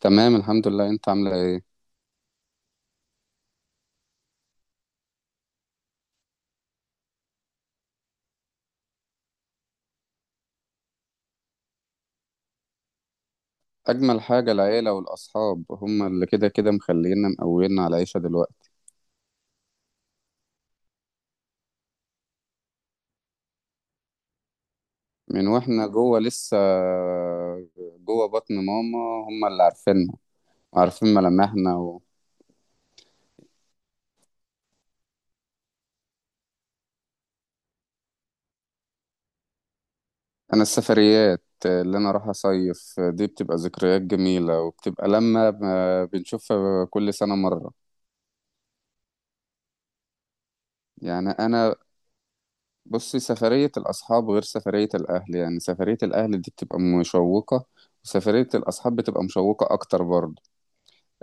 تمام، الحمد لله. انت عامله ايه؟ اجمل حاجه العيله والاصحاب، هم اللي كده كده مخلينا مقوينا على العيشه دلوقتي. من واحنا جوه لسه، جوه بطن ماما. هم اللي عارفيننا وعارفين ملامحنا و... انا السفريات اللي انا اروح اصيف دي بتبقى ذكريات جميله، وبتبقى لما بنشوفها كل سنه مره. يعني انا بصي، سفريه الاصحاب غير سفريه الاهل. يعني سفريه الاهل دي بتبقى مشوقه، وسفريه الاصحاب بتبقى مشوقه اكتر برضه.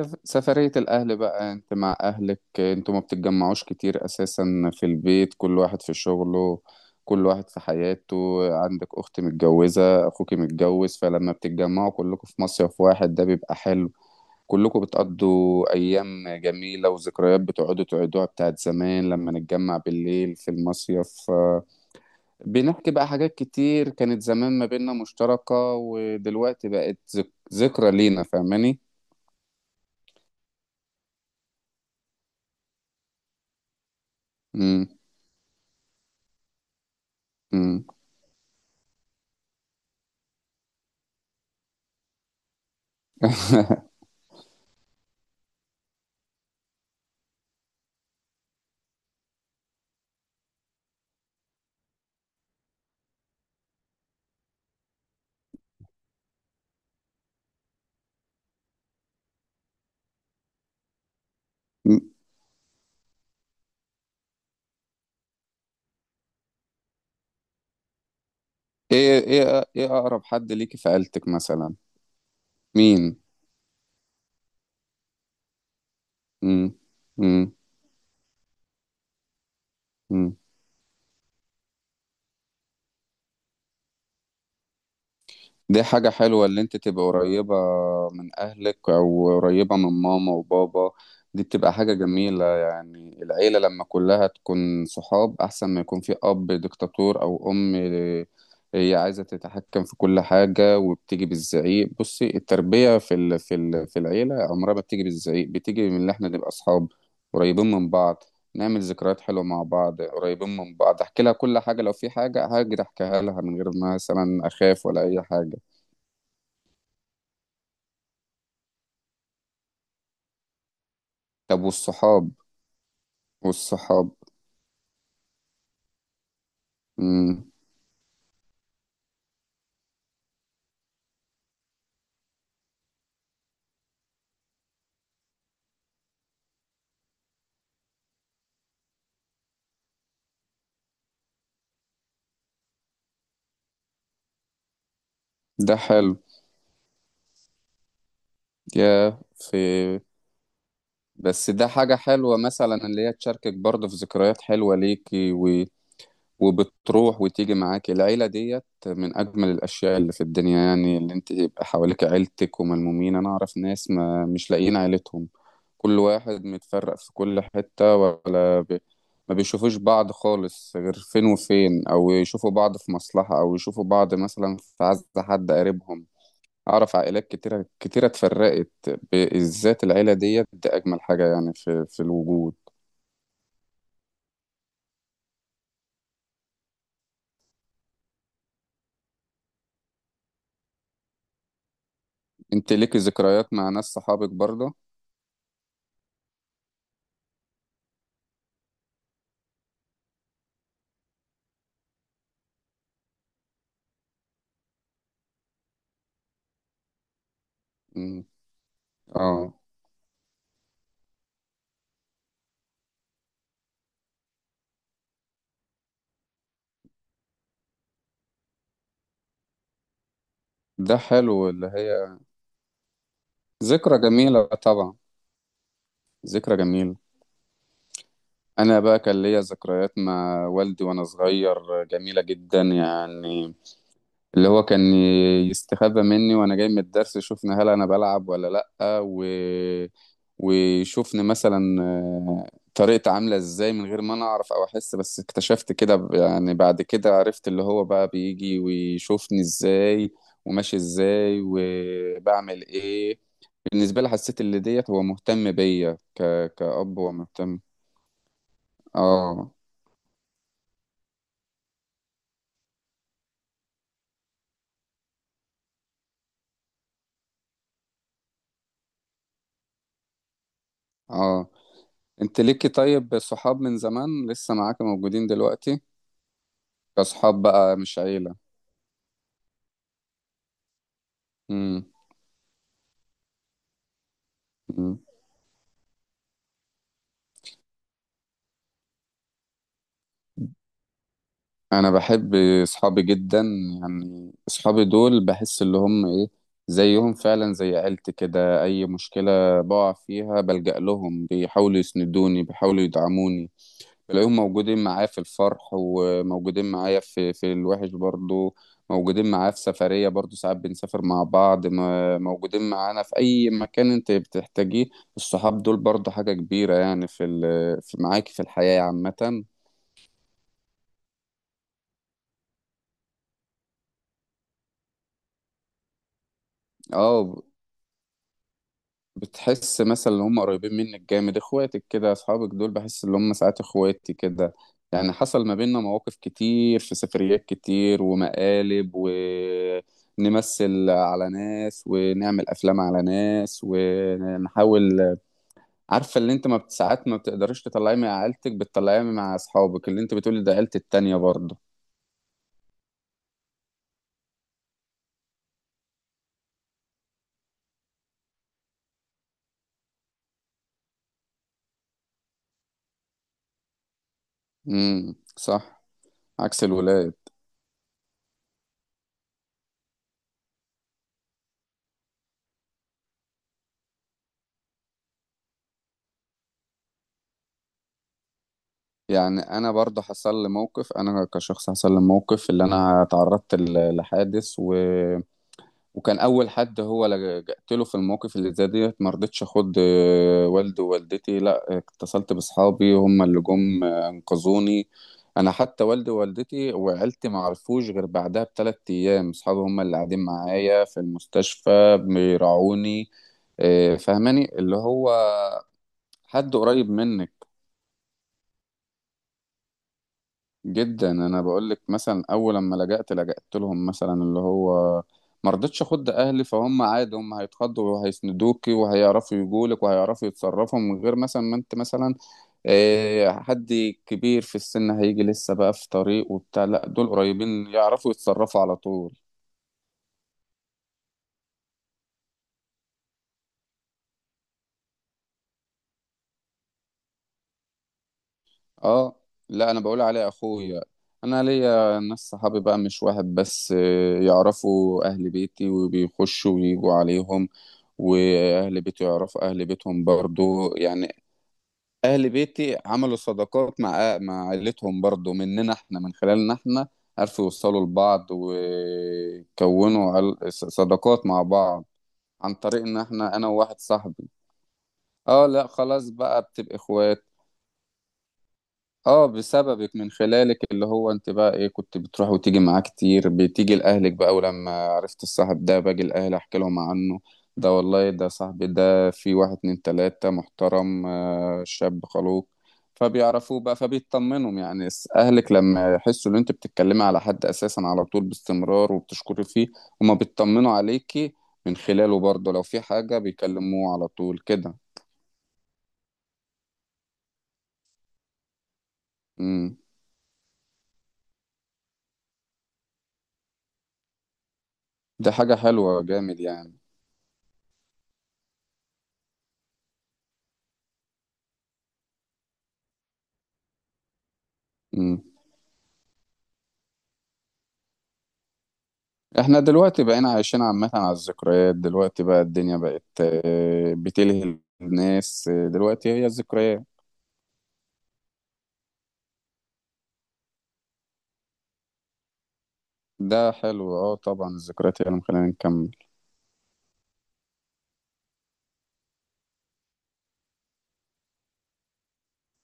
سفرية الأهل بقى، أنت مع أهلك أنتوا ما بتتجمعوش كتير أساسا في البيت، كل واحد في شغله، كل واحد في حياته. عندك أخت متجوزة، أخوك متجوز، فلما بتتجمعوا كلكم في مصيف واحد ده بيبقى حلو. كلكم بتقضوا أيام جميلة وذكريات بتقعدوا تعيدوها بتاعت زمان. لما نتجمع بالليل في المصيف، بنحكي بقى حاجات كتير كانت زمان ما بيننا مشتركة، ودلوقتي بقت ذكرى لينا. فاهماني؟ مم. مم. ايه اقرب حد ليكي في عيلتك مثلا؟ مين؟ امم امم دي حاجة حلوة، اللي انت تبقى قريبة من اهلك او قريبة من ماما وبابا. دي بتبقى حاجة جميلة. يعني العيلة لما كلها تكون صحاب احسن ما يكون في اب ديكتاتور، او ام هي عايزة تتحكم في كل حاجة وبتيجي بالزعيق. بصي، التربية في العيلة عمرها ما بتيجي بالزعيق. بتيجي من اللي احنا نبقى صحاب، قريبين من بعض، نعمل ذكريات حلوة مع بعض، قريبين من بعض، احكي لها كل حاجة. لو في حاجة هاجي احكيها لها من غير ما مثلا اخاف ولا اي حاجة. طب والصحاب؟ مم. ده حلو. يا في. بس ده حاجة حلوة مثلا، اللي هي تشاركك برضه في ذكريات حلوة ليكي و... وبتروح وتيجي معاكي. العيلة ديت من أجمل الأشياء اللي في الدنيا. يعني اللي أنت يبقى حواليك عيلتك وملمومين. أنا أعرف ناس ما مش لاقيين عيلتهم، كل واحد متفرق في كل حتة ولا ب... ما بيشوفوش بعض خالص غير فين وفين، أو يشوفوا بعض في مصلحة، أو يشوفوا بعض مثلا في عز حد قريبهم. اعرف عائلات كتيره كتيره اتفرقت. بالذات العيله ديت، ده اجمل حاجه يعني في الوجود. انت ليكي ذكريات مع ناس صحابك برضه؟ مم. اه، ده حلو اللي هي، ذكرى جميله طبعا، ذكرى جميله. انا بقى كان ليا ذكريات مع والدي وانا صغير جميله جدا يعني. اللي هو كان يستخبى مني وانا جاي من الدرس، يشوفني هل انا بلعب ولا لأ و... ويشوفني مثلا، طريقتي عاملة ازاي من غير ما انا اعرف او احس. بس اكتشفت كده، يعني بعد كده عرفت اللي هو بقى بيجي ويشوفني ازاي وماشي ازاي وبعمل ايه. بالنسبة لي حسيت اللي ديت هو مهتم بيا كأب، هو مهتم. اه، اه، انت ليكي طيب صحاب من زمان لسه معاك موجودين دلوقتي؟ كأصحاب بقى مش عيلة؟ مم. مم. أنا بحب أصحابي جدا. يعني أصحابي دول بحس اللي هم إيه، زيهم فعلا زي عيلتي كده. أي مشكلة بقع فيها بلجأ لهم، بيحاولوا يسندوني، بيحاولوا يدعموني. تلاقيهم موجودين معاه في الفرح، وموجودين معايا في الوحش برضو. موجودين معاه في سفرية برضو، ساعات بنسافر مع بعض، موجودين معانا في أي مكان أنت بتحتاجيه. الصحاب دول برضو حاجة كبيرة يعني في معاك في الحياة عامة. اه، بتحس مثلا ان هم قريبين منك جامد. اخواتك كده، اصحابك دول بحس ان هم ساعات اخواتي كده. يعني حصل ما بيننا مواقف كتير في سفريات كتير، ومقالب، ونمثل على ناس، ونعمل افلام على ناس، ونحاول. عارفه اللي انت ما بت- ساعات ما بتقدريش تطلعيه مع عيلتك بتطلعيه مع اصحابك، اللي انت بتقولي ده عيلتي التانية برضه. صح. عكس الولاد. يعني انا برضه حصل لي موقف. انا كشخص حصل لي موقف اللي انا تعرضت لحادث و... وكان اول حد هو لجأت له في الموقف اللي زي ديت. ما رضيتش اخد، والدي ووالدتي. لا، اتصلت باصحابي، هم اللي جم، انقذوني. انا حتى والدي ووالدتي وعيلتي ما عرفوش غير بعدها ب 3 ايام. اصحابي هم اللي قاعدين معايا في المستشفى بيراعوني، فاهماني اللي هو حد قريب منك جدا. انا بقول لك مثلا، اول لما لجأت لهم مثلا اللي هو ما رضيتش اخد اهلي، فهم عادي هم هيتخضوا وهيسندوكي، وهيعرفوا يجولك، وهيعرفوا يتصرفوا من غير مثلا ما انت مثلا، حد كبير في السن هيجي لسه بقى في طريق وبتاع. لا، دول قريبين يعرفوا يتصرفوا على طول. اه، لا انا بقول عليه اخويا. انا ليا ناس صحابي بقى مش واحد بس، يعرفوا اهل بيتي وبيخشوا ويجوا عليهم، واهل بيتي يعرفوا اهل بيتهم برضو. يعني اهل بيتي عملوا صداقات مع عيلتهم برضو، مننا احنا، من خلالنا احنا عرفوا يوصلوا لبعض وكونوا صداقات مع بعض، عن طريق ان احنا، انا وواحد صاحبي. اه، لا خلاص بقى بتبقى اخوات. اه، بسببك، من خلالك اللي هو انت بقى ايه، كنت بتروح وتيجي معاه كتير، بتيجي لاهلك بقى، ولما عرفت الصاحب ده باجي لاهلي احكي لهم عنه، ده والله ده صاحبي ده، في واحد اتنين تلاتة محترم شاب خلوق. فبيعرفوه بقى فبيطمنهم. يعني اهلك لما يحسوا ان انت بتتكلمي على حد اساسا على طول باستمرار، وبتشكري فيه، هما بيطمنوا عليكي من خلاله برضه. لو في حاجة بيكلموه على طول كده. امم دي حاجة حلوة جامد يعني. امم احنا دلوقتي بقينا عايشين عامة على الذكريات. دلوقتي بقى الدنيا بقت، بتلهي الناس، دلوقتي هي الذكريات. ده حلو، اه طبعا الذكريات هي اللي مخلينا نكمل.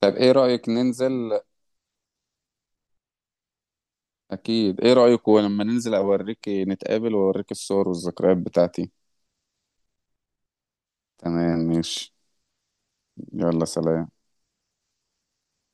طب ايه رأيك ننزل اكيد، ايه رايك لما ننزل، اوريك نتقابل واوريك الصور والذكريات بتاعتي. تمام، ماشي. يلا، سلام.